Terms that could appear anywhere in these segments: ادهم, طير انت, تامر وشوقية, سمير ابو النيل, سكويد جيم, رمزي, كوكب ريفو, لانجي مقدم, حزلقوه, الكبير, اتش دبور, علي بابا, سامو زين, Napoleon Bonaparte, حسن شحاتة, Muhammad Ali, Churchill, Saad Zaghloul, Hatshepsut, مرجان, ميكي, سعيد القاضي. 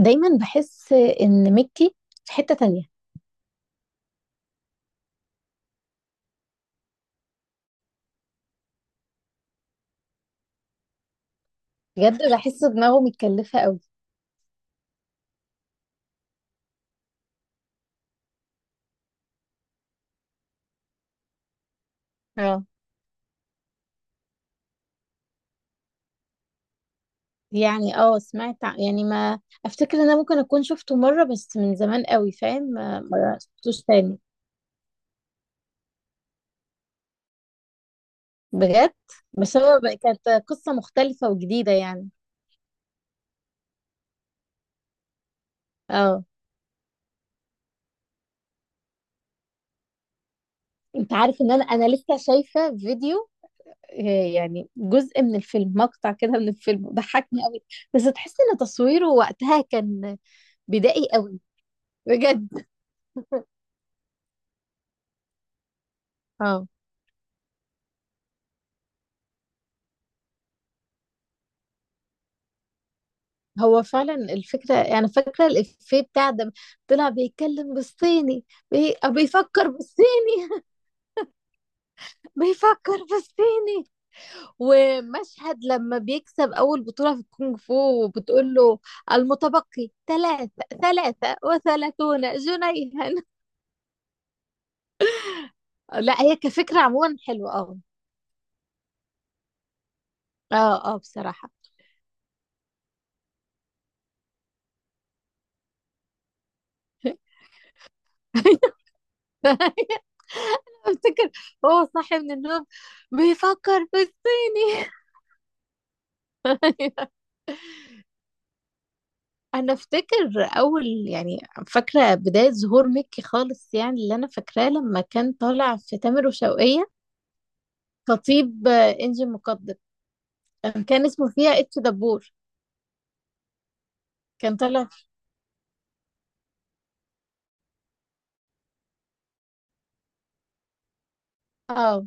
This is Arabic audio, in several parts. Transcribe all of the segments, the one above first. دايما بحس ان ميكي في حتة تانية بجد. بحس دماغه متكلفة قوي. اه. يعني ما افتكر ان انا ممكن اكون شفته مرة بس من زمان قوي، فاهم، ما شفتوش تاني. بجد. بس كانت قصة مختلفة وجديدة يعني. اه. انت عارف ان انا لسه شايفة فيديو، يعني جزء من الفيلم، مقطع كده من الفيلم ضحكني قوي. بس تحس ان تصويره وقتها كان بدائي قوي. بجد. اه. هو فعلا الفكرة، يعني فاكرة الإفيه بتاع ده، طلع بيتكلم بالصيني. أو بيفكر بالصيني. بيفكر بالصيني. ومشهد لما بيكسب أول بطولة في الكونغ فو وبتقول له المتبقي ثلاثة وثلاثون جنيها. لا، هي كفكرة عموما حلوة. اه. اه اه، بصراحة. افتكر هو صاحي من النوم بيفكر بالصيني. انا افتكر اول، يعني فاكره بدايه ظهور ميكي خالص، يعني اللي انا فاكراه لما كان طالع في تامر وشوقية، خطيب انجي مقدم. كان اسمه فيها اتش دبور. كان طالع في- اه،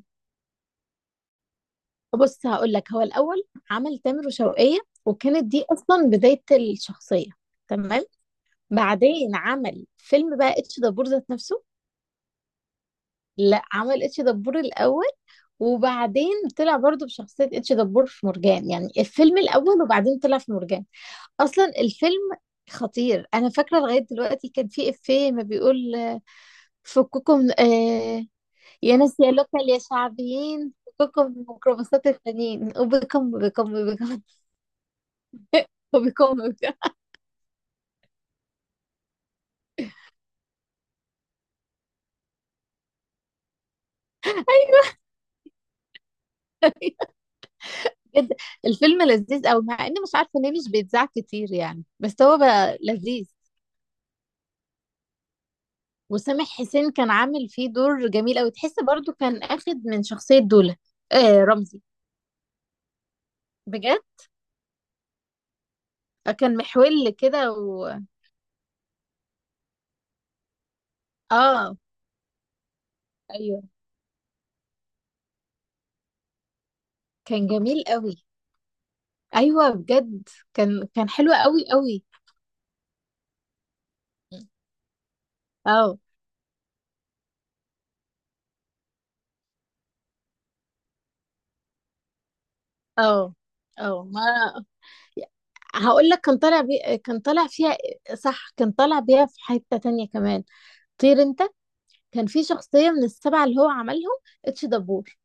بص هقول لك، هو الاول عمل تامر وشوقية، وكانت دي اصلا بدايه الشخصيه. تمام. بعدين عمل فيلم بقى اتش دبور ذات نفسه. لا، عمل اتش دبور الاول، وبعدين طلع برضه بشخصيه اتش دبور في مرجان، يعني الفيلم الاول، وبعدين طلع في مرجان. اصلا الفيلم خطير، انا فاكره لغايه دلوقتي. كان في افيه ما بيقول: آه، فككم، آه يا ناس، يا لوكال، يا شعبيين، فككم من ميكروباصات التانيين، وبكم وبكم وبكم. وبكم وبكم. بجد الفيلم لذيذ قوي، مع اني مش عارفه ليه مش بيتذاع كتير يعني، بس هو بقى لذيذ. وسامح حسين كان عامل فيه دور جميل قوي، تحس برضو كان اخد من شخصيه دولا. آه رمزي. بجد. كان محول كده. اه. ايوه، كان جميل قوي. ايوه بجد، كان حلو قوي قوي. مم. اه. اه اه، ما هقول لك، كان طالع فيها، صح، كان طالع بيها في حتة تانية كمان، طير انت. كان في شخصية من السبعة اللي هو عملهم، اتش دبور.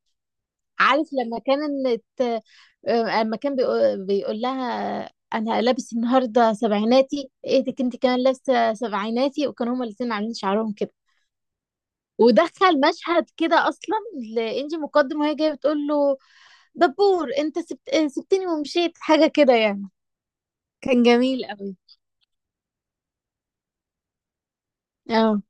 عارف لما كان لما كان بيقول لها انا لابس النهارده سبعيناتي، ايه دي كنت كمان لابسه سبعيناتي، وكانوا هما الاتنين عاملين شعرهم كده. ودخل مشهد كده اصلا لانجي مقدم، وهي جايه بتقول له: دبور انت سبتني ومشيت، حاجة كده يعني. كان جميل قوي. اه،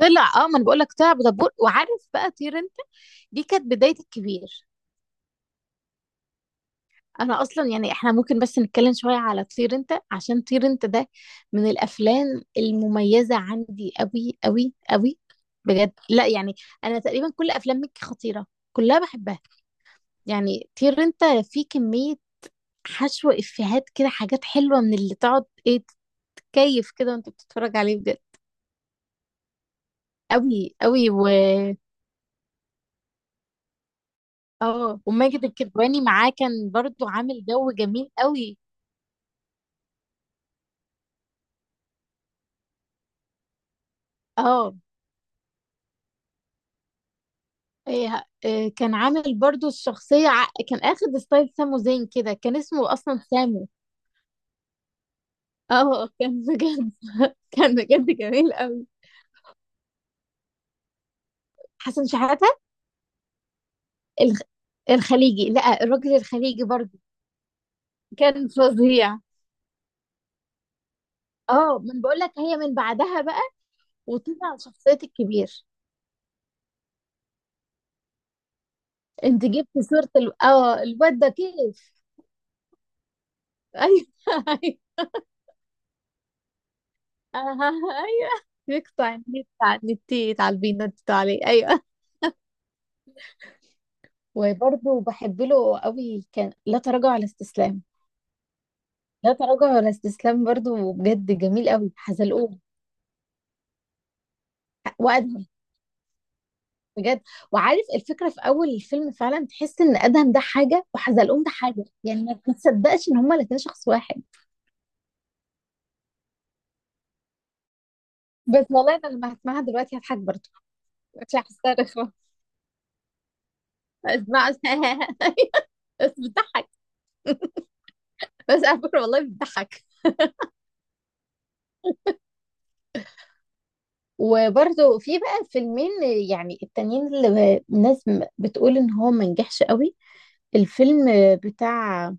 طلع، ما انا بقول لك، طلع بدبور، وعارف بقى طير انت دي كانت بداية الكبير. انا اصلا يعني احنا ممكن بس نتكلم شوية على طير انت، عشان طير انت ده من الافلام المميزة عندي قوي قوي قوي. بجد، لا يعني. انا تقريبا كل افلام مكي خطيرة، كلها بحبها. يعني طير انت في كمية حشو افيهات كده، حاجات حلوة، من اللي تقعد ايه، تتكيف كده وانت بتتفرج عليه، بجد قوي قوي و اه وماجد الكدواني معاه كان برضو عامل جو جميل قوي. اه. إيه كان عامل برضو الشخصية، كان اخد ستايل سامو زين كده، كان اسمه اصلا سامو. اه، كان بجد كان بجد جميل قوي. حسن شحاتة. الخ... الخليجي، لا الراجل الخليجي برضو كان فظيع. اه، من بقول لك، هي من بعدها بقى وطلع شخصية الكبير. انت جبت صورة ال... اه الواد ده، كيف. ايوه. اها، ايوه. يقطع النت، على النت يتعالبي ينطط عليه، ايوه. وبرضه بحب له قوي، كان لا تراجع ولا استسلام. لا تراجع ولا استسلام برضه بجد جميل قوي. حزلقوه وادهم. بجد. وعارف، الفكره في اول الفيلم فعلا تحس ان ادهم ده حاجه وحزلقوم ده حاجه، يعني ما تصدقش ان هما الاثنين شخص واحد. بس والله انا لما هسمعها دلوقتي هضحك برضه. مش هسترخ، اسمع. بس بتضحك، بس على فكره والله بتضحك. وبرضه في بقى فيلمين، يعني التانيين اللي الناس بتقول ان هو ما نجحش قوي، الفيلم بتاع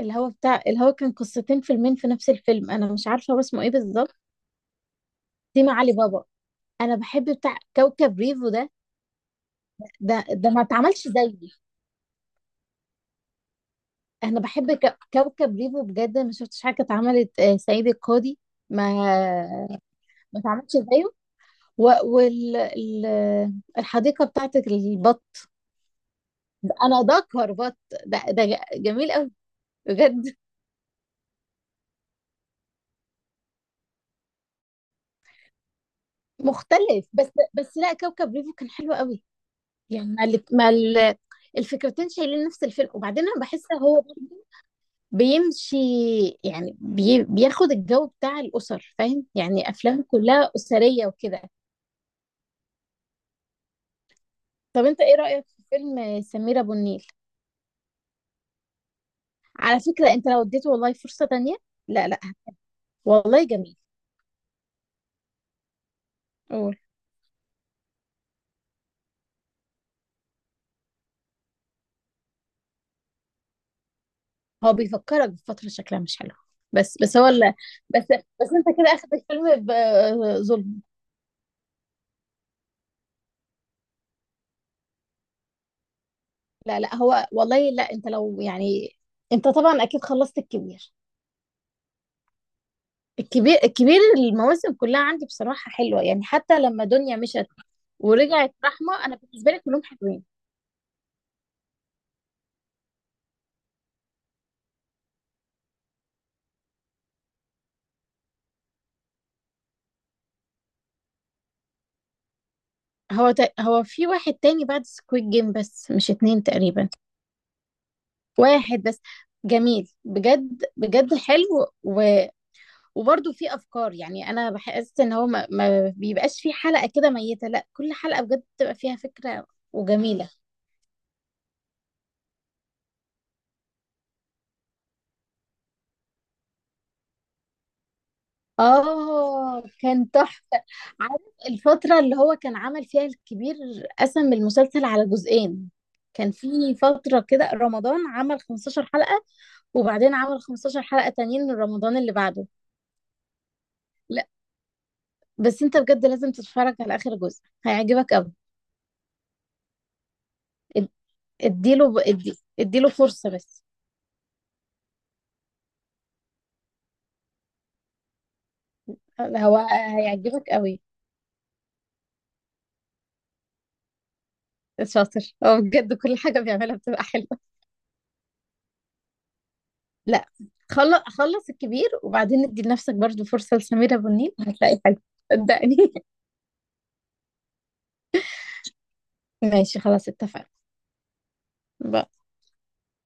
بتاع الهوا كان قصتين فيلمين في نفس الفيلم، انا مش عارفه هو اسمه ايه بالظبط. سيما علي بابا. انا بحب بتاع كوكب ريفو ده. ده ما اتعملش زيي. انا بحب كوكب ريفو، بجد ما شفتش حاجه اتعملت، سعيد القاضي. ما ما اتعملش زيه. والحديقه بتاعت البط، انا ده كربط، ده جميل قوي. بجد مختلف. بس لا، كوكب ريفو كان حلو قوي. يعني ما, ال- ما ال- الفكرتين شايلين نفس الفيلم، وبعدين انا بحس هو برضه بيمشي، يعني بياخد الجو بتاع الاسر، فاهم، يعني افلام كلها اسريه وكده. طب انت ايه رايك في فيلم سمير ابو النيل؟ على فكره انت لو اديته والله فرصه تانية. لا لا، والله جميل. قول. هو بيفكرك بفترة شكلها مش حلو. بس هو بس بس انت كده اخد الفيلم بظلم. لا لا، هو والله، لا انت لو يعني. انت طبعا اكيد خلصت الكبير. الكبير المواسم كلها عندي بصراحة حلوة، يعني حتى لما دنيا مشت ورجعت رحمة، انا بالنسبة لي كلهم حلوين. هو في واحد تاني بعد سكويد جيم، بس مش اتنين تقريبا. واحد بس، جميل بجد بجد حلو. و... وبرضه في افكار، يعني انا بحس ان هو ما بيبقاش في حلقه كده ميته، لا كل حلقه بجد بتبقى فيها فكره وجميله. اه كان تحفه. عارف الفتره اللي هو كان عمل فيها الكبير، قسم المسلسل على جزئين، كان في فتره كده رمضان عمل 15 حلقه، وبعدين عمل 15 حلقه تانيين من رمضان اللي بعده. لا بس انت بجد لازم تتفرج على اخر جزء، هيعجبك قوي. اد- اديله ب- ادي اديله فرصه بس. هو هيعجبك قوي. شاطر، هو بجد كل حاجة بيعملها بتبقى حلوة. لا، خلص خلص الكبير، وبعدين ادي لنفسك برضو فرصة لسمير أبو النيل، هتلاقي حاجة. صدقني. ماشي خلاص، اتفقنا.